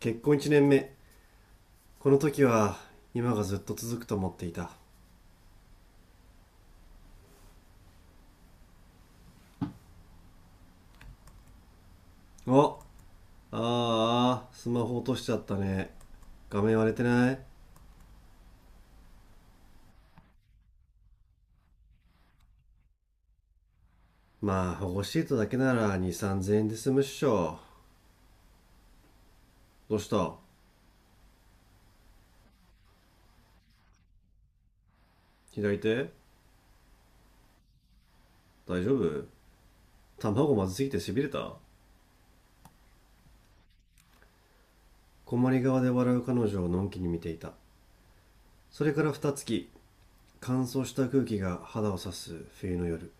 結婚1年目。この時は今がずっと続くと思っていた。お、ああスマホ落としちゃったね。画面割れてない？まあ保護シートだけなら23,000円で済むっしょ。どうした？左手、大丈夫？卵まずすぎてしびれた。困り側で笑う彼女をのんきに見ていた。それから二月、乾燥した空気が肌を刺す冬の夜。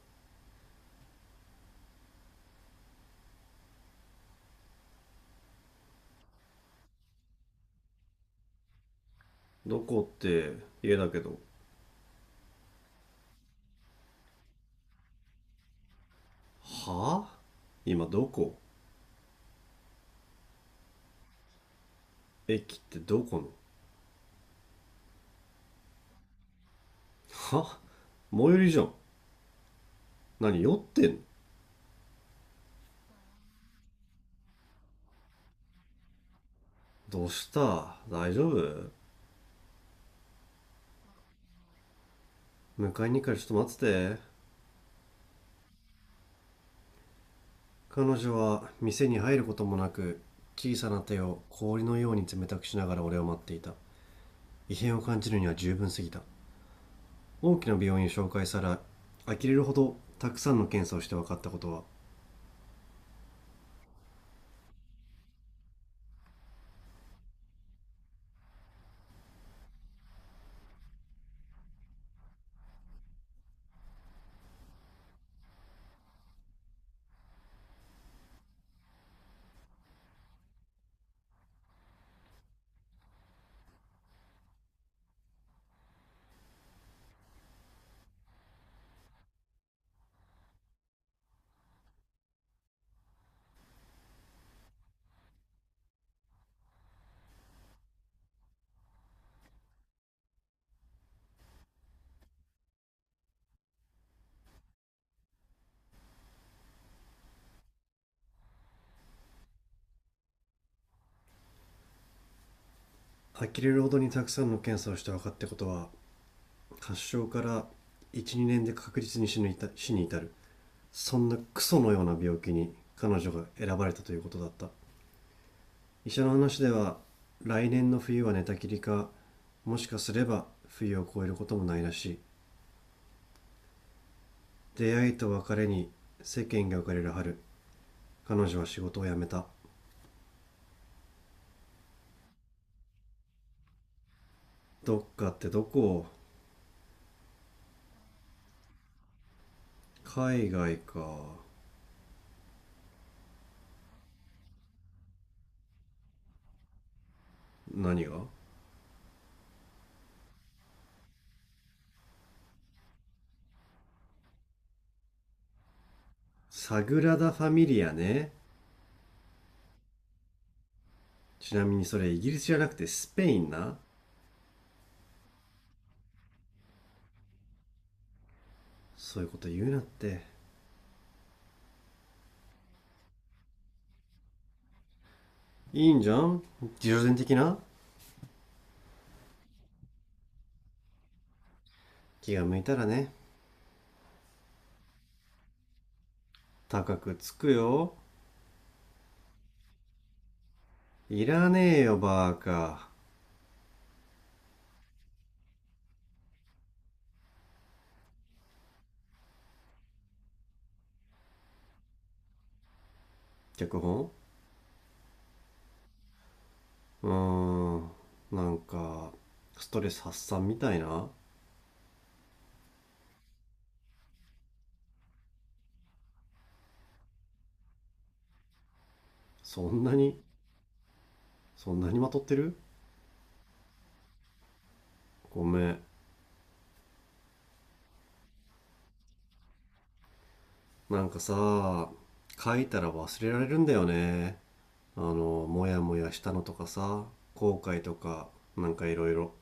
どこって、家だけど。はぁ、今どこ？駅ってどこの？は、最寄りじゃん。何酔ってんの？どうした、大丈夫？迎えに行くからちょっと待ってて。彼女は店に入ることもなく、小さな手を氷のように冷たくしながら俺を待っていた。異変を感じるには十分すぎた。大きな病院を紹介され、呆れるほどたくさんの検査をして分かったことは、呆れるほどにたくさんの検査をして分かったことは、発症から12年で確実に死に至る、そんなクソのような病気に彼女が選ばれたということだった。医者の話では、来年の冬は寝たきりか、もしかすれば冬を越えることもないらしい。出会いと別れに世間が浮かれる春、彼女は仕事を辞めた。どっかってどこ？海外か。何が？サグラダ・ファミリアね。ちなみにそれイギリスじゃなくてスペインな。そういうこと言うなって。いいんじゃん、自助伝的な。気が向いたらね。高くつくよ。いらねえよ、バーカ。脚本。うーん。なんか、ストレス発散みたいな。そんなに、そんなにまとってる？ごめん。なんかさ、書いたら忘れられるんだよね。あの、もやもやしたのとかさ、後悔とか、なんかいろいろ。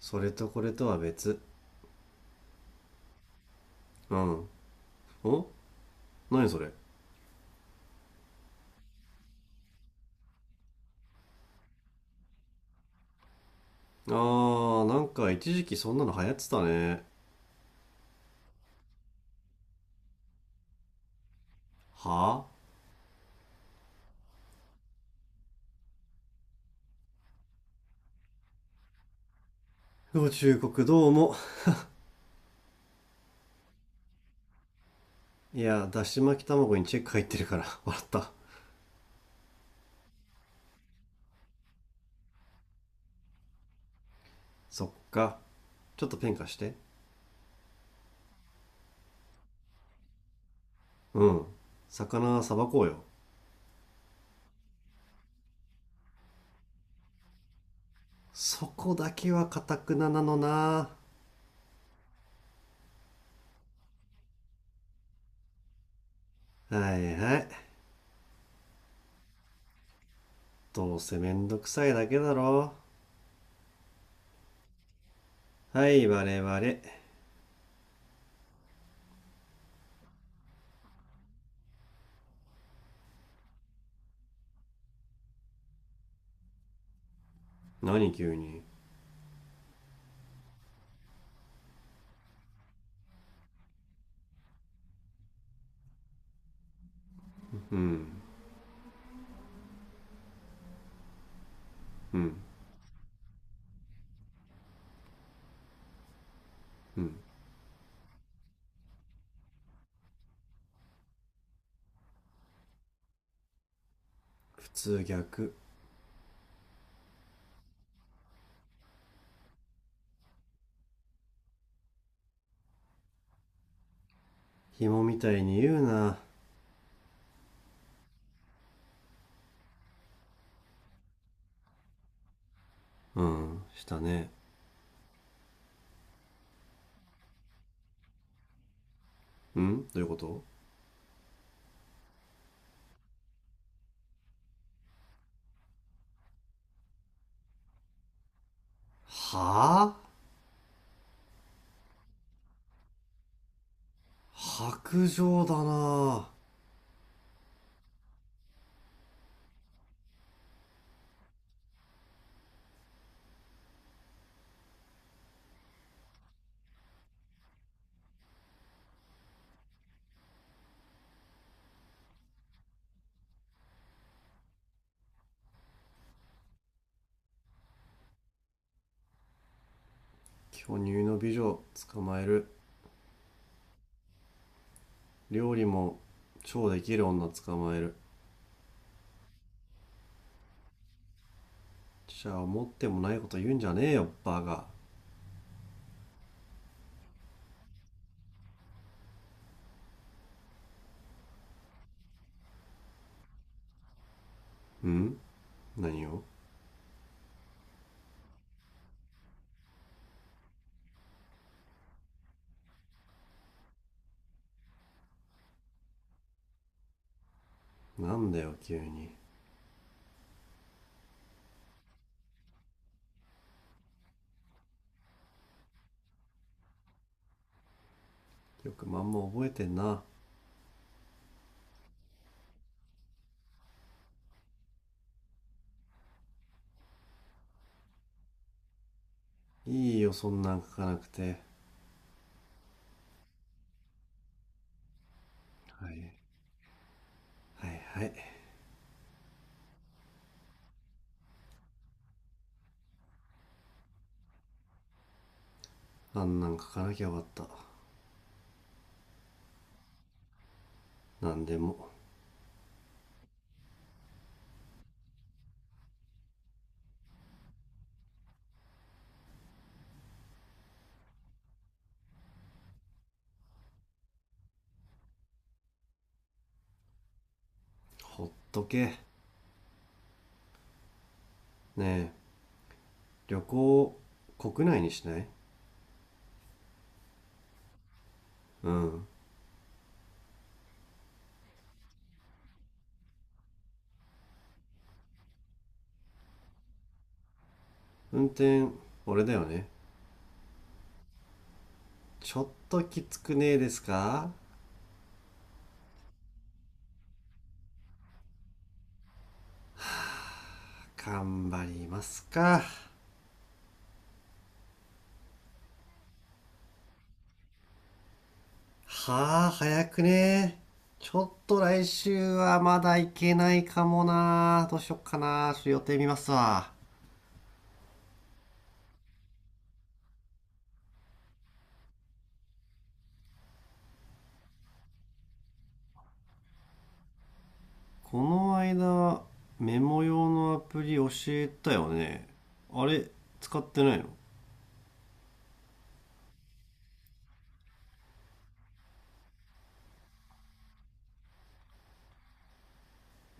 それとこれとは別。うん。お、何それ？あー、なんか一時期そんなの流行ってたね。はあ。宇宙国どうも。いや、だし巻き卵にチェック入ってるから 笑った。そっか。ちょっとペン貸して。うん。魚さばこうよ。そこだけはかたくななのな。はいはい。どうせめんどくさいだけだろ。はい、我々。何急に？うん、うん、うん。普通逆。紐みたいに言うな。うん、したね。うん、どういうこと？はぁあ。白状だな。巨乳の美女捕まえる。料理も超できる女捕まえる。じゃあ思ってもないこと言うんじゃねえよ、バカ。うん、何を？なんだよ急に。よくまんま覚えてんな。いいよそんなん書かなくて。はいはいはい。あんなん書かなきゃよかった。なんでも。ほっとけ。ねえ、旅行、国内にしない？うん。運転、俺だよね。ちょっときつくねえですか？頑張りますか。はあ、早くねえ？ちょっと来週はまだ行けないかもな。どうしよっかな。ちょっと予定見ますわ。この間、メモ用のアプリ教えたよね。あれ、使ってないの？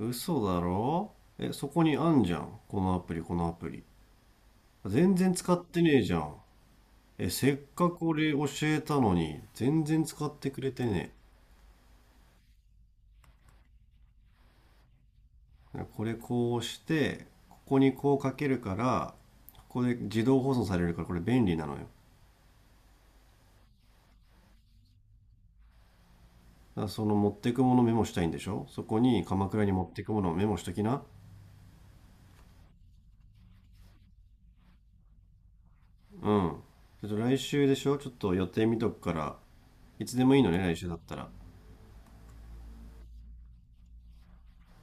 嘘だろ。え、そこにあんじゃん。このアプリ、このアプリ。全然使ってねえじゃん。え、せっかく俺教えたのに、全然使ってくれてねえ。これこうしてここにこうかけるから、ここで自動保存されるからこれ便利なのよ。だからその持ってくものメモしたいんでしょ。そこに鎌倉に持ってくものをメモしときな。うん、ちょっと来週でしょ。ちょっと予定見とくから、いつでもいいのね来週だったら。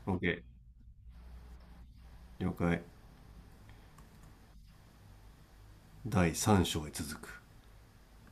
OK、 了解。第3章へ続く。